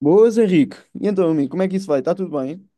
Boas, Henrique. E então, amigo, como é que isso vai? Está tudo bem?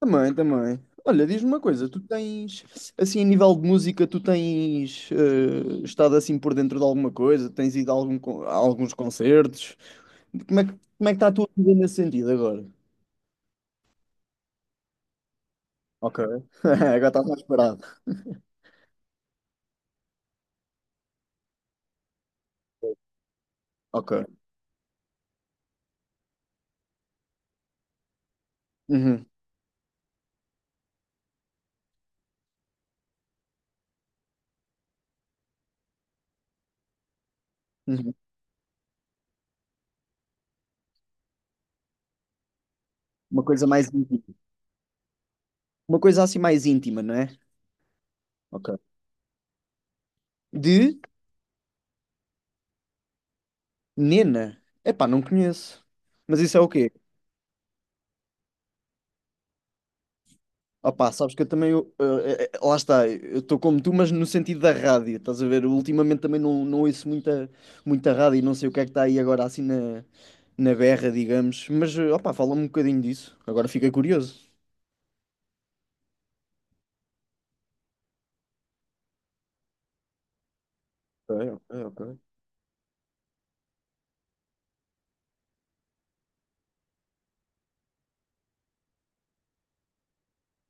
Também, também. Olha, diz-me uma coisa, tu tens, assim, a nível de música, tu tens estado assim por dentro de alguma coisa? Tens ido a a alguns concertos? Como é que, como é que está a tua vida nesse sentido agora? Ok. Agora estás mais parado. Ok. Uhum, uhum. Uma coisa mais íntima. Uma coisa assim mais íntima, não é? Ok. De Nena. Epá, não conheço. Mas isso é o quê? Opá, sabes que eu também, lá está, eu estou como tu, mas no sentido da rádio, estás a ver? Eu ultimamente também não, não ouço muita, muita rádio e não sei o que é que está aí agora assim na, na berra, digamos. Mas, opá, fala-me um bocadinho disso, agora fiquei curioso. Ok, ok, ok.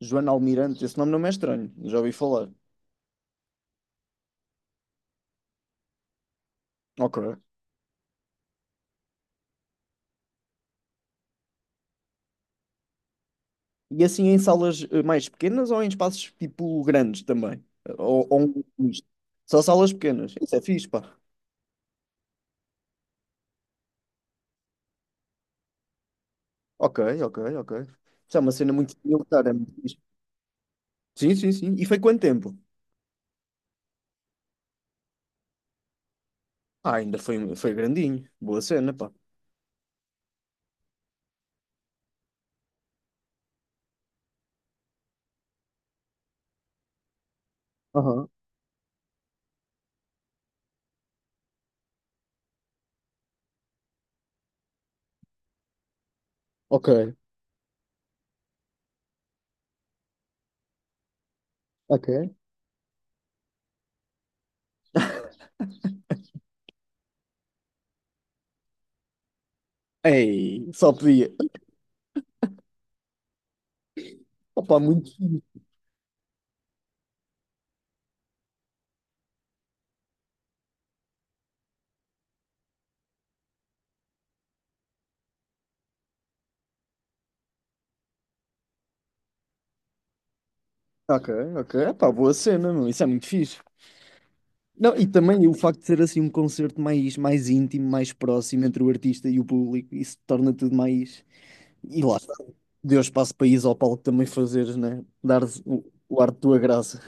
Joana Almirante, esse nome não me é estranho, já ouvi falar. Ok. E assim em salas mais pequenas ou em espaços tipo grandes também? Ou um misto? Só salas pequenas, isso é fixe, pá. Ok, ok, ok. Isso é uma cena muito militar, é muito fixe. Sim, sim, sim. E foi quanto tempo? Ah, ainda foi, um, foi grandinho. Boa cena, pá. Aham, ok, ok. Ei, só podia. Opa, muito fixe. Ok, ok. Pá, boa cena, meu. Isso é muito fixe. Não, e também o facto de ser assim um concerto mais, mais íntimo, mais próximo entre o artista e o público, isso torna tudo mais. E lá está. Deu espaço para ires ao palco também fazeres, né? Dar o ar de tua graça.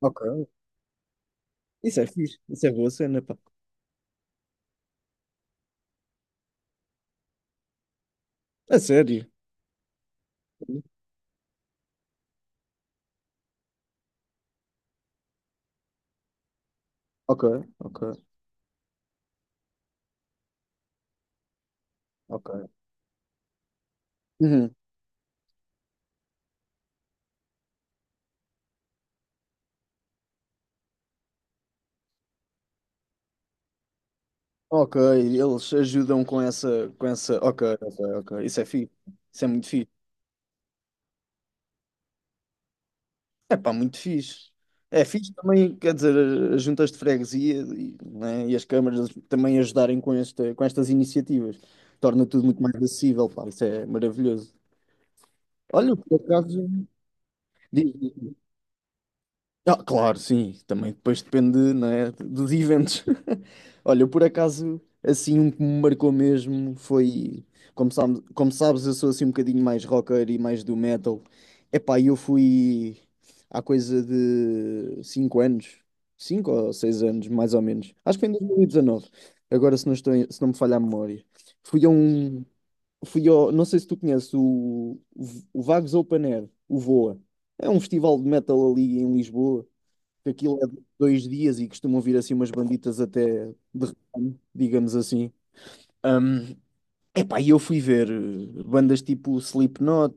Ok, isso é fixe. Isso é boa cena, pá. A sério. Ok, ok, ok. Uhum. Ok, eles ajudam com essa, com essa. Ok, ok, ok. Isso é fixe. Isso é muito fixe. É pá, muito fixe. É fixe também, quer dizer, as juntas de freguesia e, né, e as câmaras também ajudarem com, esta, com estas iniciativas. Torna tudo muito mais acessível, pá. Isso é maravilhoso. Olha, por acaso. Diz, diz. Ah, claro, sim. Também depois depende, né, dos eventos. Olha, eu, por acaso, assim, um que me marcou mesmo foi. Como sabes, eu sou assim um bocadinho mais rocker e mais do metal. Epá, e eu fui há coisa de 5 anos, 5 ou 6 anos, mais ou menos. Acho que foi em 2019. Agora, se não estou, se não me falha a memória. Fui a um. Fui ao, não sei se tu conheces o Vagos Open Air, o VOA. É um festival de metal ali em Lisboa que aquilo é de 2 dias e costumam vir assim umas banditas até de ramo, digamos assim. Epá, e eu fui ver bandas tipo Slipknot,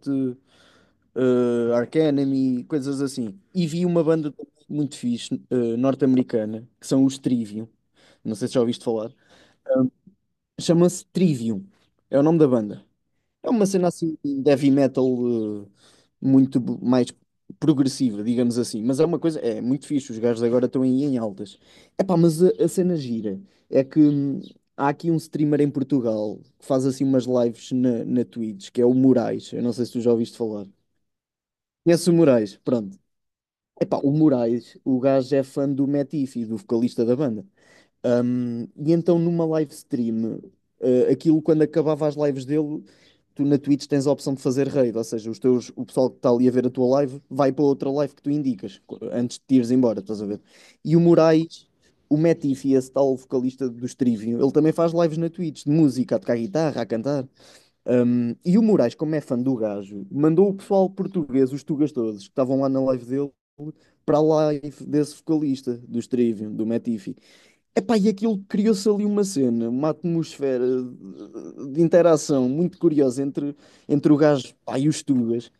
Arch Enemy, coisas assim. E vi uma banda muito fixe, norte-americana, que são os Trivium. Não sei se já ouviste falar. Chama-se Trivium. É o nome da banda. É uma cena assim de heavy metal eh, mais progressiva, digamos assim. Mas é uma coisa, é muito fixe, os gajos agora estão aí em altas. Epá, mas a cena gira é que há aqui um streamer em Portugal que faz assim umas lives na Twitch, que é o Moraes. Eu não sei se tu já ouviste falar. Conhece o Moraes? Pronto. Epá, o Moraes, o gajo é fã do Metifi, do vocalista da banda. E então numa live stream, aquilo quando acabava as lives dele, tu na Twitch tens a opção de fazer raid, ou seja, os teus, o pessoal que está ali a ver a tua live vai para outra live que tu indicas antes de te ires embora, estás a ver? E o Moraes, o Metifi, esse tal vocalista do Trivium, ele também faz lives na Twitch de música, a tocar guitarra, a cantar. E o Moraes, como é fã do gajo, mandou o pessoal português, os tugas todos, que estavam lá na live dele. Para a live desse vocalista do Trivium, do Metifi. Epá, e aquilo criou-se ali uma cena, uma atmosfera de interação muito curiosa entre, entre o gajo, pá, e os Tugas,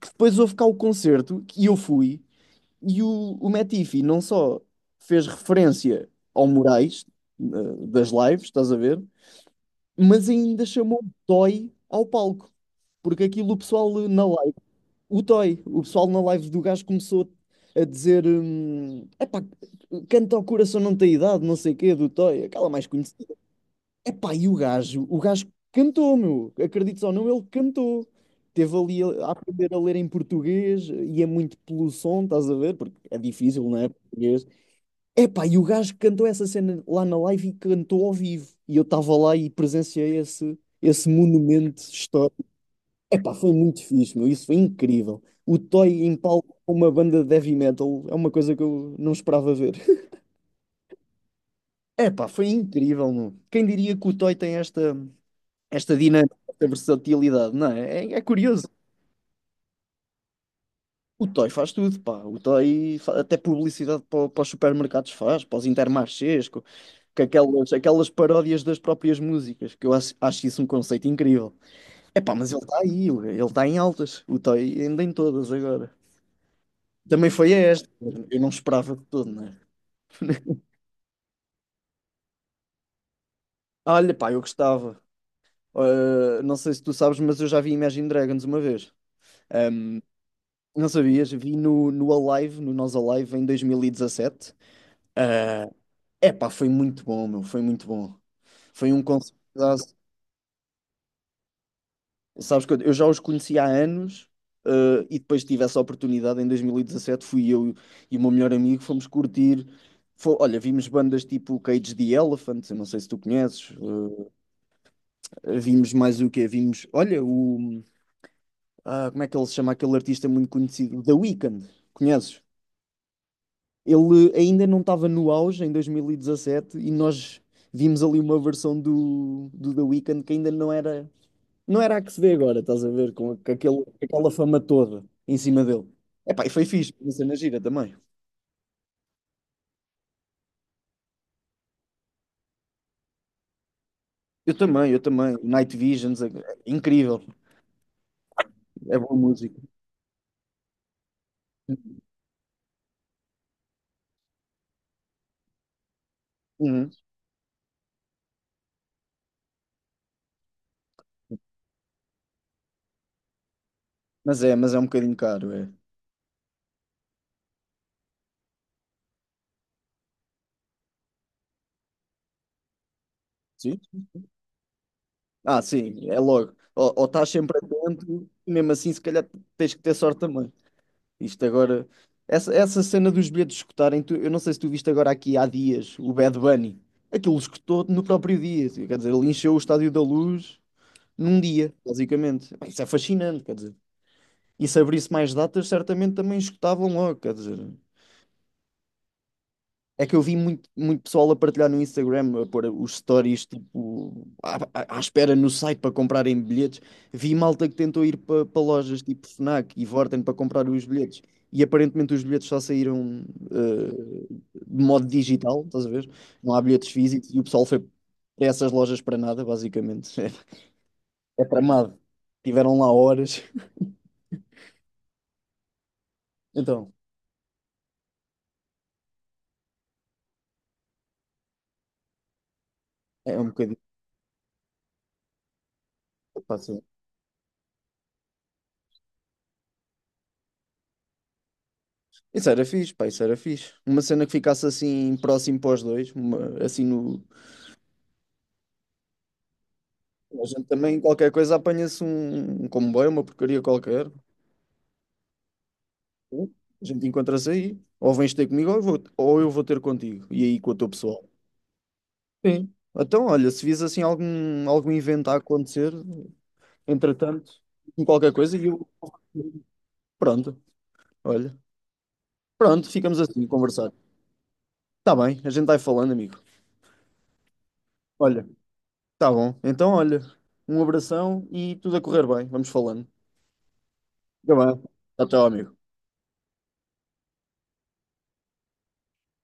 que depois houve cá o concerto, e eu fui, e o Matifi não só fez referência ao Moraes, das lives, estás a ver, mas ainda chamou Toy ao palco, porque aquilo o pessoal na live o Toy, o pessoal na live do gajo começou a dizer: epá, canta ao coração não tem idade, não sei o quê, do Toy, aquela mais conhecida. Epá, e o gajo cantou, meu, acredites ou não, ele cantou. Teve ali a aprender a ler em português, e é muito pelo som, estás a ver? Porque é difícil, não é? Português. Epá, e o gajo cantou essa cena lá na live e cantou ao vivo. E eu estava lá e presenciei esse, esse monumento histórico. Epá, foi muito fixe, meu. Isso foi incrível. O Toy em palco com uma banda de heavy metal é uma coisa que eu não esperava ver. Epá, foi incrível, meu. Quem diria que o Toy tem esta, esta dinâmica, esta versatilidade, não é? É, é curioso. O Toy faz tudo, pá. Até publicidade para, para os supermercados faz, para os Intermarchés, com aquelas, aquelas paródias das próprias músicas, que eu acho, acho isso um conceito incrível. Epá, mas ele está aí, ele está em altas. O Toy ainda em todas agora. Também foi esta. Eu não esperava de todo, né? Olha, pá, eu gostava. Não sei se tu sabes, mas eu já vi Imagine Dragons uma vez. Não sabias? Vi no, no Alive, no Nós Alive, em 2017. É pá, foi muito bom, meu. Foi muito bom. Foi um concerto. Sabes que eu já os conhecia há anos. E depois tive essa oportunidade em 2017. Fui eu e o meu melhor amigo, fomos curtir. Olha, vimos bandas tipo Cage the Elephant. Eu não sei se tu conheces. Vimos mais o quê? Vimos, olha, o. Como é que ele se chama? Aquele artista muito conhecido, The Weeknd, conheces? Ele ainda não estava no auge em 2017 e dezassete e nós vimos ali uma versão do, do The Weeknd que ainda não era, não era a que se vê agora, estás a ver? Com aquele, com aquela fama toda em cima dele. Epá, e foi fixe, uma cena gira também. Eu também, eu também. O Night Visions, é incrível, é boa música. Uhum. Mas é um bocadinho caro, é. Sim. Ah, sim, é logo. Ou estás sempre atento, mesmo assim, se calhar tens que ter sorte também. Isto agora, essa cena dos bilhetes escutarem, tu- eu não sei se tu viste agora aqui há dias o Bad Bunny. Aquilo escutou no próprio dia, quer dizer, ele encheu o Estádio da Luz num dia, basicamente. Pá, isso é fascinante, quer dizer. E se abrisse mais datas, certamente também escutavam logo, quer dizer. É que eu vi muito, muito pessoal a partilhar no Instagram, a pôr os stories tipo, à espera no site para comprarem bilhetes. Vi malta que tentou ir para lojas tipo Fnac e Vorten para comprar os bilhetes. E aparentemente os bilhetes só saíram eh, de modo digital, estás a ver? Não há bilhetes físicos e o pessoal foi para essas lojas para nada, basicamente. É, tramado. Tiveram lá horas. Então, é um bocadinho. Pá, assim. Isso era fixe, pá, isso era fixe. Uma cena que ficasse assim próximo para os dois, uma- assim no, a gente também, qualquer coisa, apanha-se um, um comboio, uma porcaria qualquer. A gente encontra-se aí. Ou vens ter comigo, ou eu vou ter contigo. E aí com o teu pessoal. Sim. Então, olha, se vis assim algum, algum evento a acontecer, entretanto, com qualquer coisa, e eu. Pronto, olha. Pronto, ficamos assim, a conversar. Tá bem, a gente vai falando, amigo. Olha, tá bom. Então, olha, um abração e tudo a correr bem. Vamos falando. Tá bem. Até, amigo.